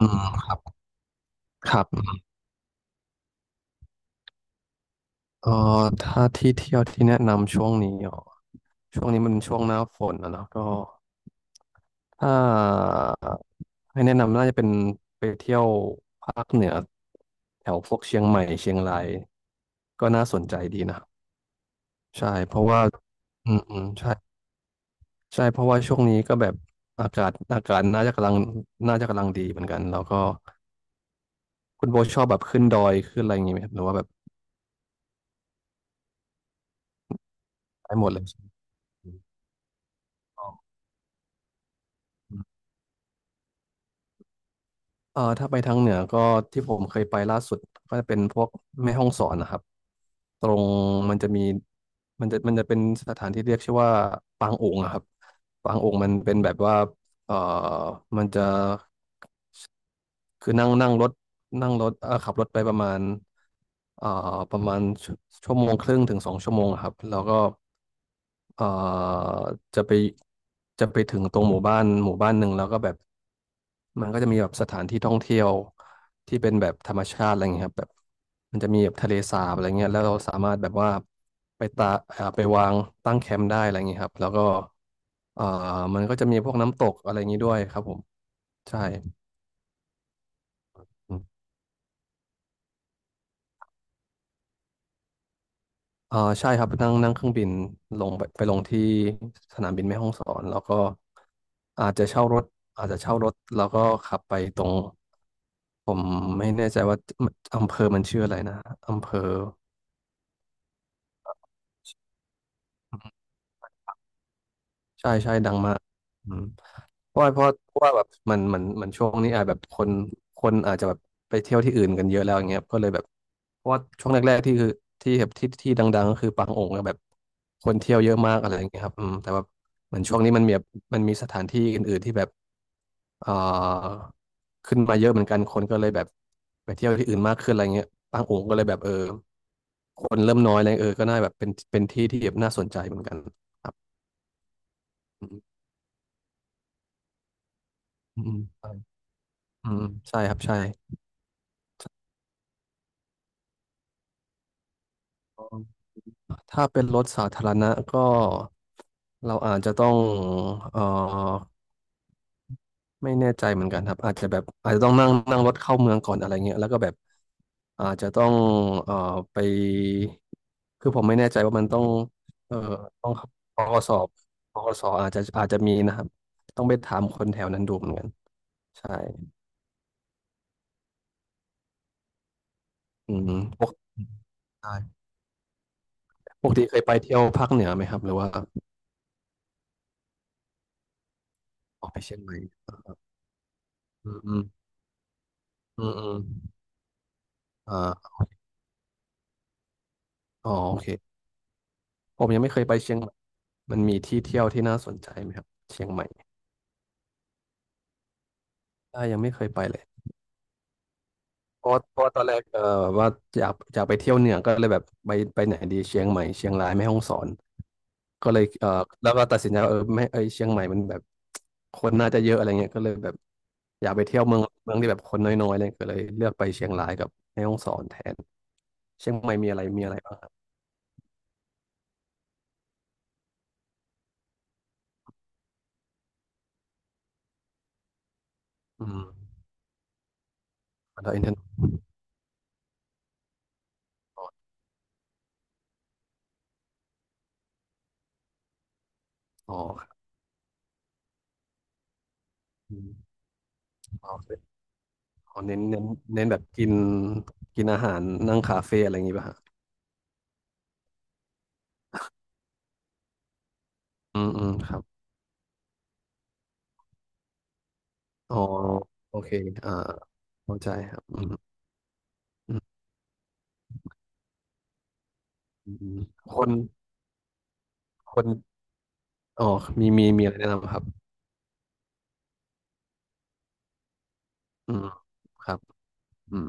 อืมครับครับเอ่ถ้าที่เที่ยวที่แนะนำช่วงนี้อ๋อช่วงนี้มันช่วงหน้าฝนนะเนาะก็ถ้าให้แนะนำน่าจะเป็นไปเที่ยวภาคเหนือแถวพวกเชียงใหม่เชียงรายก็น่าสนใจดีนะใช่เพราะว่าอืมใช่ใช่เพราะว่าช่วงนี้ก็แบบอากาศน่าจะกำลังน่าจะกำลังดีเหมือนกันแล้วก็คุณโบชอบแบบขึ้นดอยขึ้นอะไรอย่างงี้ไหมครับหรือว่าแบบได้หมดเลย ถ้าไปทางเหนือก็ที่ผมเคยไปล่าสุดก็จะเป็นพวกแม่ฮ่องสอนนะครับตรงมันจะมีมันจะเป็นสถานที่เรียกชื่อว่าปางโอ่งอะครับปางโอ่งมันเป็นแบบว่าเอ่อมันจะคือนั่งนั่งรถนั่งรถขับรถไปประมาณเอ่อประมาณชั่วโมงครึ่งถึงสองชั่วโมงอะครับแล้วก็ เอ่อจะไปจะไปถึงตรงหมู่บ้านหมู่บ้านหนึ่งแล้วก็แบบมันก็จะมีแบบสถานที่ท่องเที่ยวที่เป็นแบบธรรมชาติอะไรเงี้ยครับแบบมันจะมีแบบทะเลสาบอะไรเงี้ยแล้วเราสามารถแบบว่าไปตาไปวางตั้งแคมป์ได้อะไรเงี้ยครับแล้วก็เอ่อมันก็จะมีพวกน้ำตกอะไรอย่างงี้ด้วยครับผมใช่ อ่าใช่ครับนั่งนั่งเครื่องบินลงไปไปลงที่สนามบินแม่ฮ่องสอนแล้วก็อาจจะเช่ารถอาจจะเช่ารถแล้วก็ขับไปตรงผมไม่แน่ใจว่าอำเภอมันชื่ออะไรนะอำเภอ ใช่ใช่ดังมากอืมเพราะว่าเพราะว่าแบบมันช่วงนี้อาจแบบคนคนอาจจะแบบไปเที่ยวที่อื่นกันเยอะแล้วอย่างเงี้ยก็เลยแบบเพราะว่าช่วงแรกๆที่คือที่แบบที่ดังๆก็คือปางโองค์แบบคนเที่ยวเยอะมากอะไรอย่างเงี้ยครับอืมแต่ว่าเหมือนช่วงนี้มันมีแบบมันมีสถานที่อื่นๆที่แบบเอ่อขึ้นมาเยอะเหมือนกันคนก็เลยแบบไปเที่ยวที่อื่นมากขึ้นอะไรเงี้ยปางโองค์ก็เลยแบบเออคนเริ่มน้อยอะไรเออก็น่าแบบเป็นที่ที่แบบน่าสนใจเหมือนกันอืมอืม อืมใช่ครับใช่ถ้าเป็นรถสาธารณะก็เราอาจจะต้องเอ่อไม่แน่ใจเหมือนกันครับอาจจะแบบอาจจะต้องนั่งนั่งรถเข้าเมืองก่อนอะไรเงี้ยแล้วก็แบบอาจจะต้องเอ่อไปคือผมไม่แน่ใจว่ามันต้องเอ่อต้องปกสอบปกสอาจจะอาจจะมีนะครับต้องไปถามคนแถวนั้นดูเหมือนกันใช่อืมปกใช่ปกติเคยไปเที่ยวภาคเหนือไหมครับหรือว่าออกไปเชียงใหม่อืมอืม อ่าอ๋อโอเคผมยังไม่เคยไปเชียงใหม่มันมีที่เที่ยวที่น่าสนใจไหมครับเชียงใหม่อ่ายังไม่เคยไปเลยเพราะเพราะตอนแรกแบบว่าอยากไปเที่ยวเหนือก็เลยแบบไปไปไหนดีเชียงใหม่เชียงรายแม่ฮ่องสอนก็เลยแล้วก็ตัดสินใจว่าเออไม่เอยเชียงใหม่มันแบบคนน่าจะเยอะอะไรเงี้ยก็เลยแบบอยากไปเที่ยวเมืองที่แบบคนน้อยๆเลยก็เลยเลือกไปเชียงรายกับแม่ฮ่องสอนแทนเชียงใหม่มีอะไรบ้างครับอืมแล้วอินเทอร์เน็ตอ๋ออ๋อครับอืมโอเค อ๋อเน้นแบบกินกินอาหารนั่งคาเฟ่อะไรอย่างงี้ป่ะฮะอืมอืมครับอ๋อโอเคอ่าเข้าใจครับอืมอืมอืมคนคนอ๋อมีอะไรแนะนำครับอืมครับอืม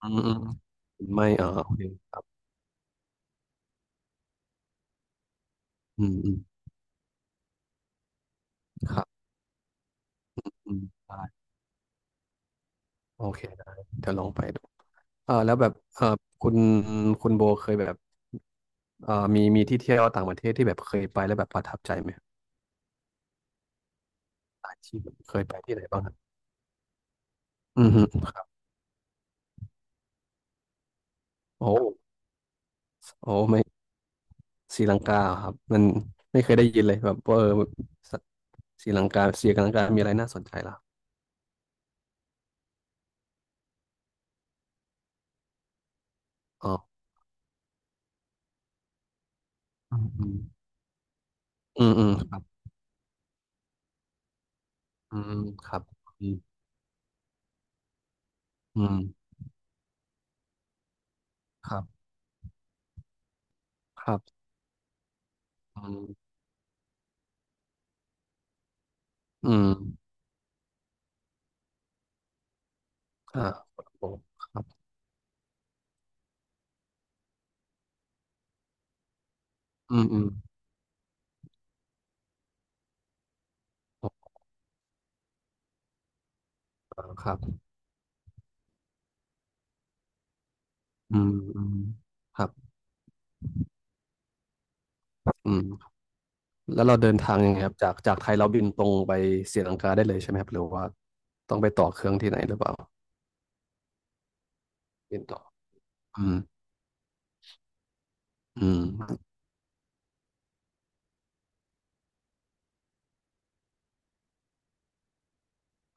อืมอืมไม่อ่าโอเคครับอืมอืมครับอืมได้โอเคได้เดี๋ยวลองไปดูเออแล้วแบบเออคุณคุณโบเคยแบบเออมีที่เที่ยวต่างประเทศที่แบบเคยไปแล้วแบบประทับใจไหมหลายที่แบบเคยไปที่ไหนบ้างครับอืมฮึ โอ้โอ้ไม่ศรีลังกาเหรอครับมันไม่เคยได้ยินเลยแบบว่าเออสศรีลังกาศรีลังกา มีอะไรน่าสนใจล่ะอ๋ออืมอืมอืมอืมครับอืมครับอืมอืมครับครับอืมอืมอ่าโอ้ครับอืมอืมโอ้ครับอืมอืมครับอืมแล้วเราเดินทางยังไงครับจากจากไทยเราบินตรงไปศรีลังกาได้เลยใช่ไหมครับหรือว่าต้องไปต่อเครื่องที่ไหนหรือเปล่าบินต่ออืมอืม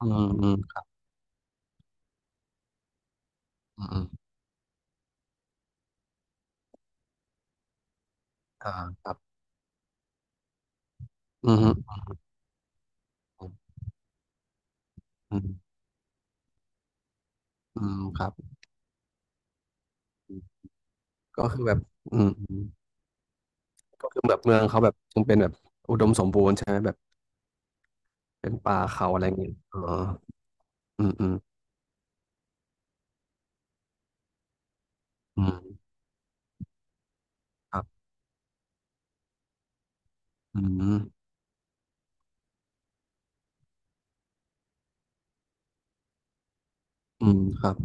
อืมอืมอืม อ่าครับอือฮึอืมอืมครับก็คือแบบอืมอืมก็คือแบบเมืองเขาแบบยังเป็นแบบอุดมสมบูรณ์ใช่ไหมแบบเป็นป่าเขาอะไรอย่างเงี้ยอ๋ออืมอืมอืมครับอืมอืมครับ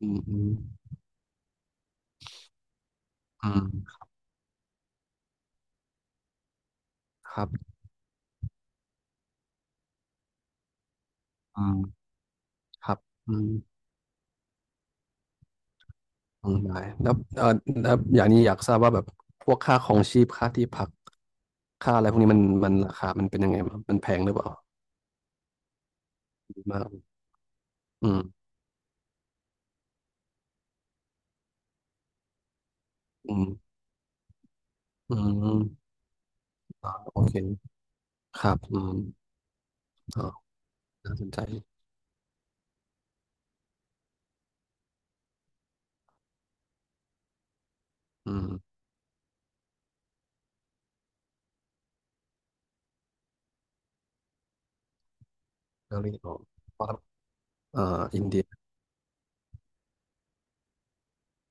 อืมอืมอืมครับอืมครับอืมอืมได้แล้วแล้วอย่างนี้อยากทราบว่าแบบพวกค่าครองชีพค่าที่พักค่าอะไรพวกนี้มันราคามันเป็นยังไงบ้างมันแพงหรือเปล่าดีมากอืมอืมอืมอ่าโอเค ครับอืมอ๋อน่าสนใจอืมน่าเรียนออกว่าเอ่ออินเดีย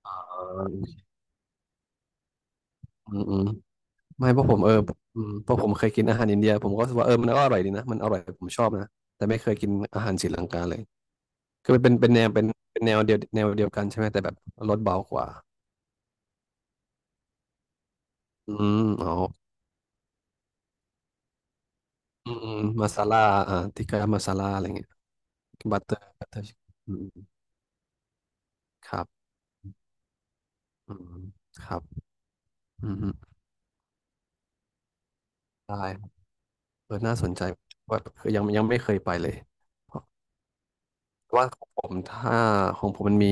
อ่าอืมอืมไม่เพราะผมอืมเพราะผมเคยกินอาหารอินเดียผมก็รู้สึกว่าเออมันก็อร่อยดีนะมันอร่อยผมชอบนะแต่ไม่เคยกินอาหารศรีลังกาเลยคือมันเป็นแนวเป็นแนวเดียวกันใช่ไหมแต่แบบรสเบากว่าอืมอ๋ออืมอืมมาซาล่าอ่าทิกกามาซาล่าอะไรเงี้ยบัตเตอร์บัตเตอร์อืมครับอืมครับอืมอืมได้ น่าสนใจว่าคือยังไม่เคยไปเลยเพราะว่าของผมถ้าของผมมันมี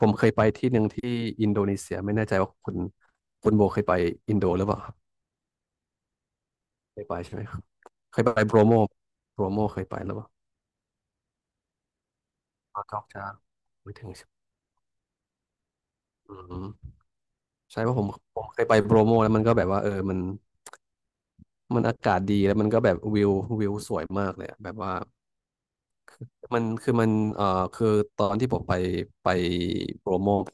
ผมเคยไปที่หนึ่งที่อินโดนีเซีย ไม่แน่ใจว่าคุณโบเคยไปอินโดหรือเปล่าครับเคยไป ใช่ไหมครับเคยไปโบรโมโบรโมเคยไปหรือเปล่าอ๋อจอกจาไม่ถึงใช่ไหมอืมใช่เพราะผมเคยไปโบรโมแล้วมันก็แบบว่าเออมันอากาศดีแล้วมันก็แบบวิวสวยมากเลยอะแบบว่า มันคือมันคือตอนที่ผมไปโปรโมท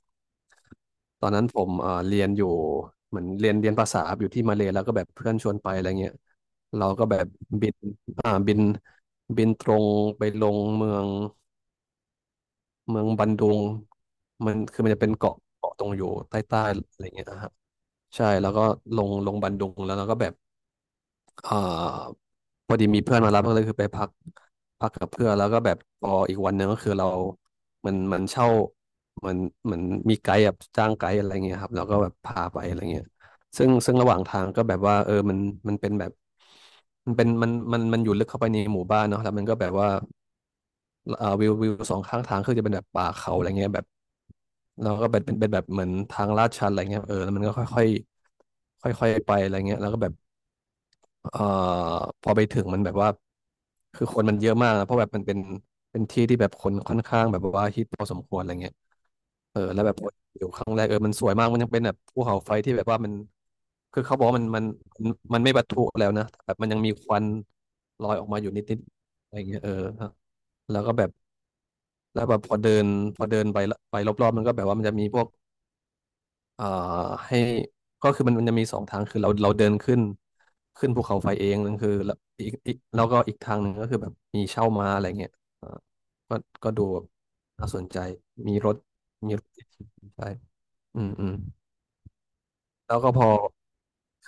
ตอนนั้นผมเรียนอยู่เหมือนเรียนภาษาอยู่ที่มาเลย์แล้วก็แบบเพื่อนชวนไปอะไรเงี้ยเราก็แบบบินอ่าบินบินตรงไปลงเมืองบันดุงมันคือมันจะเป็นเกาะตรงอยู่ใต้อะไรเงี้ยนะฮะใช่แล้วก็ลงบันดุงแล้วเราก็แบบ เอ่อพอดีมีเพื่อนมารับก็เลยคือไปพักกับเพื่อนแล้วก็แบบพออีกวันหนึ่งก็คือเราเหมันมันเช่าเหมอนเหมือนมีไกด์แบบจ้างไกด์อะไรเงี้ยครับแล้วก็แบบพาไปอะไรเงี้ยซึ่งระหว่างทางก็แบบว่าเออมันมันเป็นแบบมันเป็นมันมันมันอยู่ลึกเข้าไปในหมู่บ้านเนาะแล้วมันก็แบบว่าวิวสองข้างทางคือจะเป็นแบบป่าเขาอะไรเงี้ยแบบเราก็เป็นแบบเหมือนทางลาดชันอะไรเงี้ยเออแล้วมันก็ค่อยค่อยค่อยๆไปอะไรเงี้ยแล้วก็แบบ เอ่อพอไปถึงมันแบบว่าคือคนมันเยอะมากนะเพราะแบบมันเป็นที่ที่แบบคนค่อนข้างแบบว่าฮิตพอสมควรอะไรเงี้ยเออแล้วแบบคนอยู่ครั้งแรกเออมันสวยมากมันยังเป็นแบบภูเขาไฟที่แบบว่ามันคือเขาบอกว่ามันไม่ปะทุแล้วนะแต่แบบมันยังมีควันลอยออกมาอยู่นิดๆอะไรเงี้ยเออฮะแล้วก็แบบแล้วแบบพอเดินไปละไปรอบๆมันก็แบบว่ามันจะมีพวก เอ่อให้ก็คือมันจะมีสองทางคือเราเดินขึ้นภูเขาไฟเองนั่นคือแล้วอีกอีกแล้วก็อีกทางหนึ่งก็คือแบบมีเช่าม้าอะไรเงี้ยเอ่อก็ก็ดูแบบน่าสนใจมีรถมีรถใช่อืมอืมแล้วก็พอ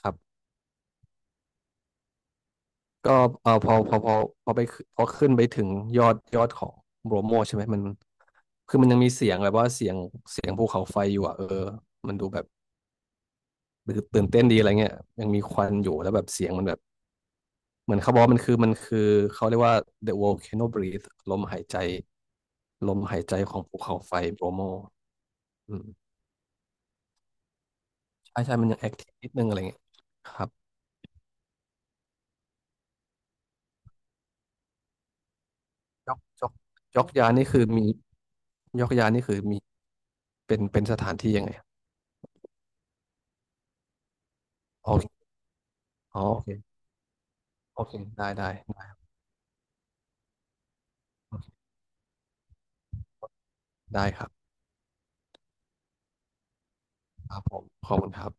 ครับก็เอ่อพอพอพอพอไปขึ้นพอขึ้นไปถึงยอดของโบรโมใช่ไหมมันคือมันยังมีเสียงแบบว่าเสียงภูเขาไฟอยู่อ่ะเออมันดูแบบตื่นเต้นดีอะไรเงี้ยยังมีควันอยู่แล้วแบบเสียงมันแบบ เหมือนเขาบอกว่ามันคือเขาเรียกว่า the volcano breath ลมหายใจลมหายใจของภูเขาไฟโบรโมอืมใช่ใช่ มันยังแอคทีฟนิดนึงอะไรเงี้ยครับยกยกยกยานี่คือมียกยานี่คือเป็นสถานที่ยังไงอะโอเคอ๋อโอเคโอเค ได้ได้ได้โอเคได้ครับครับผมขอบคุณครับ